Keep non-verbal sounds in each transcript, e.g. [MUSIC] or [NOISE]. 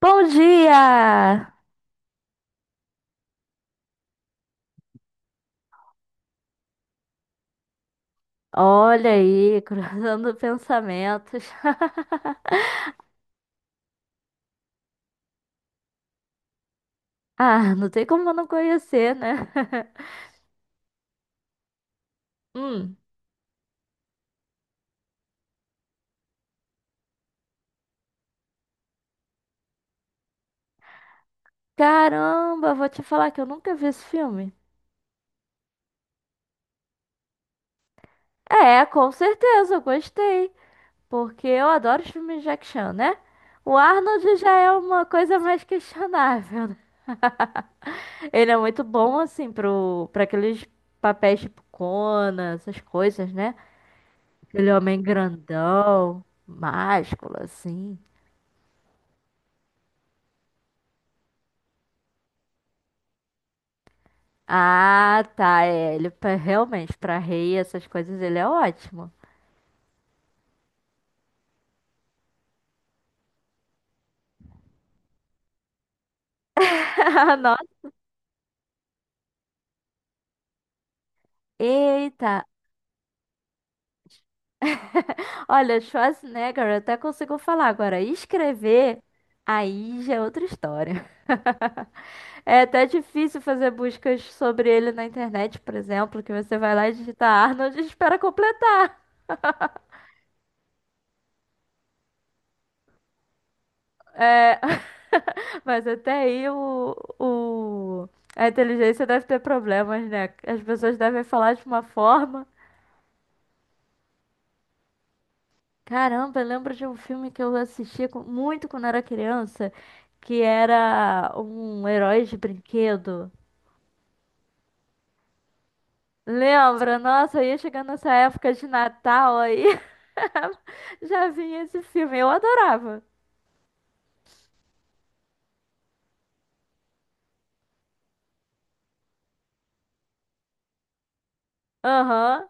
Bom dia! Olha aí, cruzando pensamentos. [LAUGHS] Ah, não tem como eu não conhecer, né? [LAUGHS] Hum. Caramba, vou te falar que eu nunca vi esse filme. É, com certeza, eu gostei. Porque eu adoro os filmes de action, né? O Arnold já é uma coisa mais questionável, né? Ele é muito bom, assim, pra aqueles papéis tipo Conan, essas coisas, né? Aquele homem grandão, másculo, assim. Ah, tá, é, ele realmente, pra rei, essas coisas, ele é ótimo. [LAUGHS] Nossa, eita. Olha, Schwarzenegger, eu até consigo falar agora. Escrever, aí já é outra história. [LAUGHS] É até difícil fazer buscas sobre ele na internet, por exemplo, que você vai lá e digita Arnold e espera completar. É, [LAUGHS] mas até aí a inteligência deve ter problemas, né? As pessoas devem falar de uma forma. Caramba, eu lembro de um filme que eu assistia muito quando era criança, que era um herói de brinquedo. Lembra? Nossa, eu ia chegando nessa época de Natal aí, [LAUGHS] já vinha esse filme, eu adorava. Aham,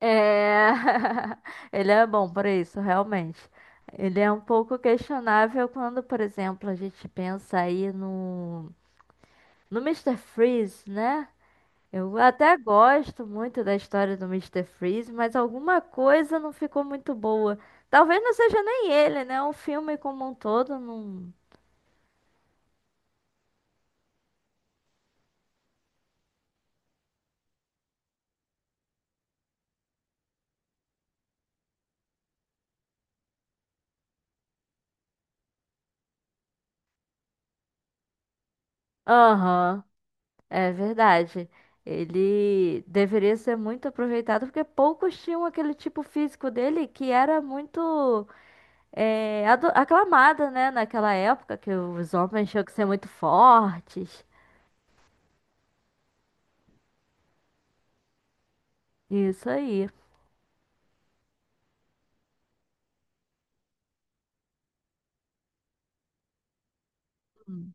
é... [LAUGHS] Ele é bom para isso, realmente. Ele é um pouco questionável quando, por exemplo, a gente pensa aí no Mister Freeze, né? Eu até gosto muito da história do Mister Freeze, mas alguma coisa não ficou muito boa. Talvez não seja nem ele, né? O filme como um todo não. Aham, é verdade. Ele deveria ser muito aproveitado, porque poucos tinham aquele tipo físico dele que era muito aclamada, né? Naquela época, que os homens tinham que ser muito fortes. Isso aí. Hum.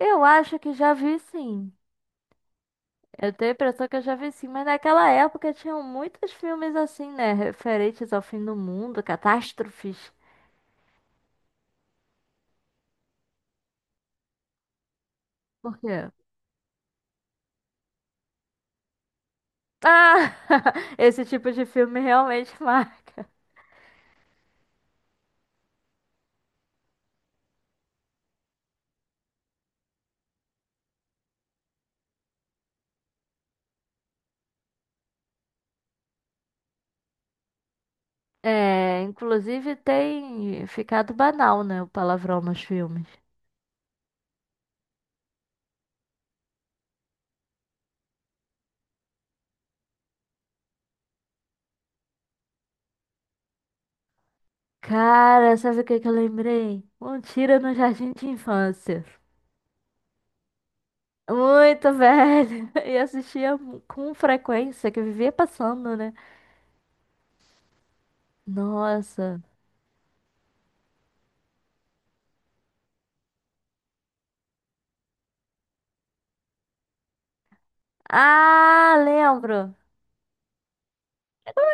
Eu acho que já vi sim. Eu tenho a impressão que eu já vi sim, mas naquela época tinham muitos filmes assim, né? Referentes ao fim do mundo, catástrofes. Por quê? Ah! [LAUGHS] Esse tipo de filme realmente [LAUGHS] marca. É, inclusive tem ficado banal, né? O palavrão nos filmes. Cara, sabe o que que eu lembrei? Um tiro no jardim de infância. Muito velho. [LAUGHS] E assistia com frequência, que eu vivia passando, né? Nossa. Ah, lembro.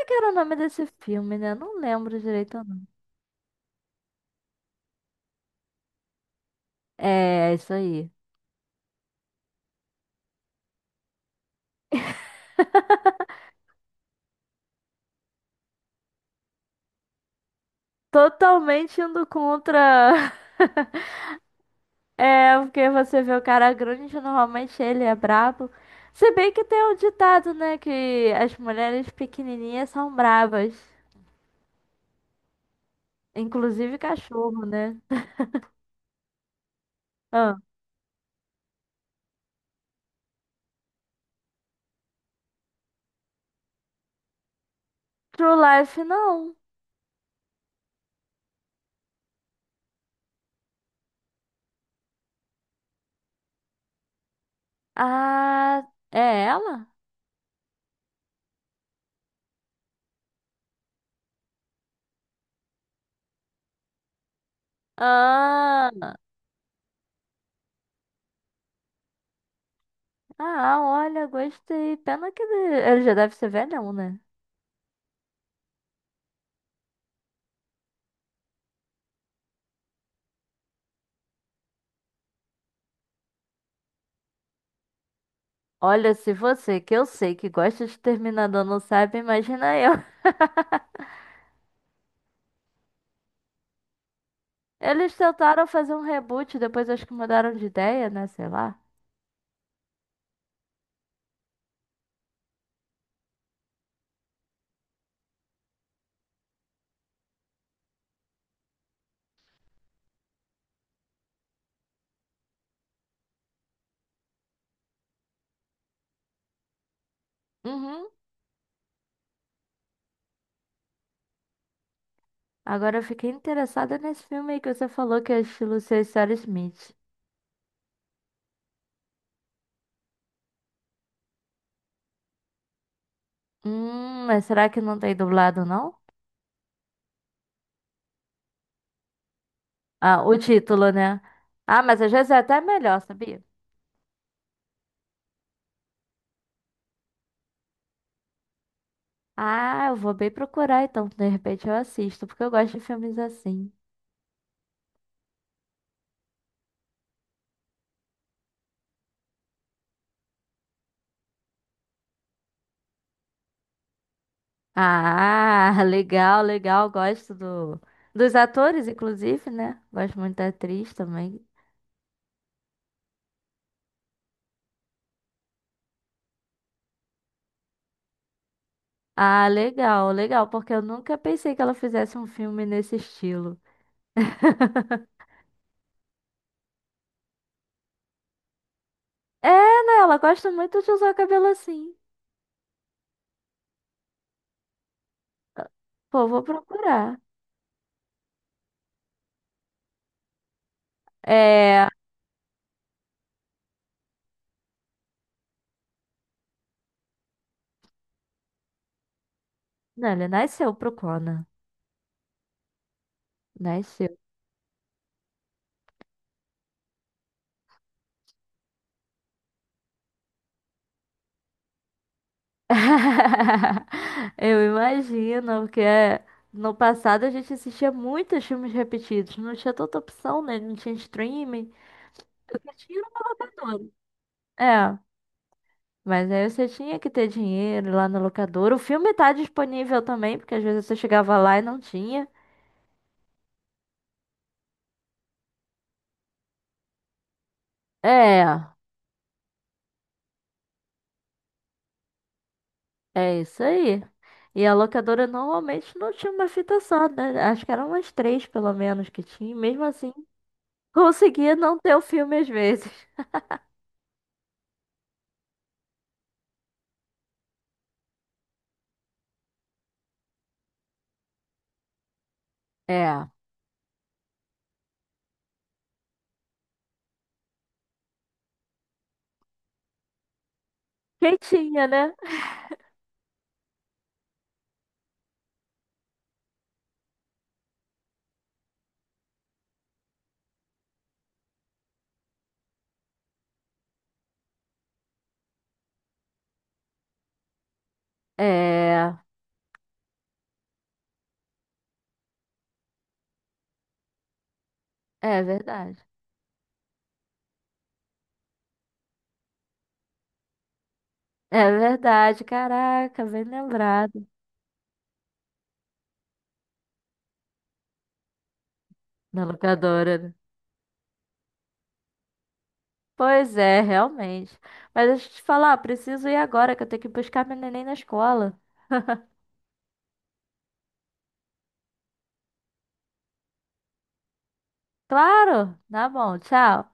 Que era o nome desse filme, né? Não lembro direito, não. É, é isso aí. Totalmente indo contra. [LAUGHS] É, porque você vê o cara grande, normalmente ele é brabo. Se bem que tem um ditado, né? Que as mulheres pequenininhas são bravas. Inclusive cachorro, né? Ah, True Life, não. Ah, é ela? Ah, ah, olha, gostei. Pena que ele já deve ser velhão, né? Olha, se você, que eu sei que gosta de Terminador, não sabe, imagina eu. [LAUGHS] Eles tentaram fazer um reboot, depois acho que mudaram de ideia, né? Sei lá. Uhum. Agora eu fiquei interessada nesse filme aí que você falou que é estilo Sr. Sarah Smith. Mas será que não tem dublado, não? Ah, o título, né? Ah, mas às vezes é até melhor, sabia? Ah, eu vou bem procurar então, de repente eu assisto, porque eu gosto de filmes assim. Ah, [LAUGHS] legal, legal. Gosto dos atores, inclusive, né? Gosto muito da atriz também. Ah, legal, legal, porque eu nunca pensei que ela fizesse um filme nesse estilo. [LAUGHS] É, né? Ela gosta muito de usar o cabelo assim. Pô, vou procurar. É. Não, ele nasceu pro Conan. Nasceu. [LAUGHS] Eu imagino, porque no passado a gente assistia muitos filmes repetidos. Não tinha tanta opção, né? Não tinha streaming. Porque tinha uma locadora. É, mas aí você tinha que ter dinheiro lá na locadora. O filme tá disponível também, porque às vezes você chegava lá e não tinha. É, é isso aí. E a locadora normalmente não tinha uma fita só, né? Acho que eram umas três, pelo menos, que tinha. E mesmo assim, conseguia não ter o filme às vezes. É. Quem tinha, né? É, é verdade. É verdade, caraca, bem lembrado. Na locadora, né? Pois é, realmente. Mas deixa eu te falar, preciso ir agora que eu tenho que buscar meu neném na escola. Claro! Tá bom, tchau.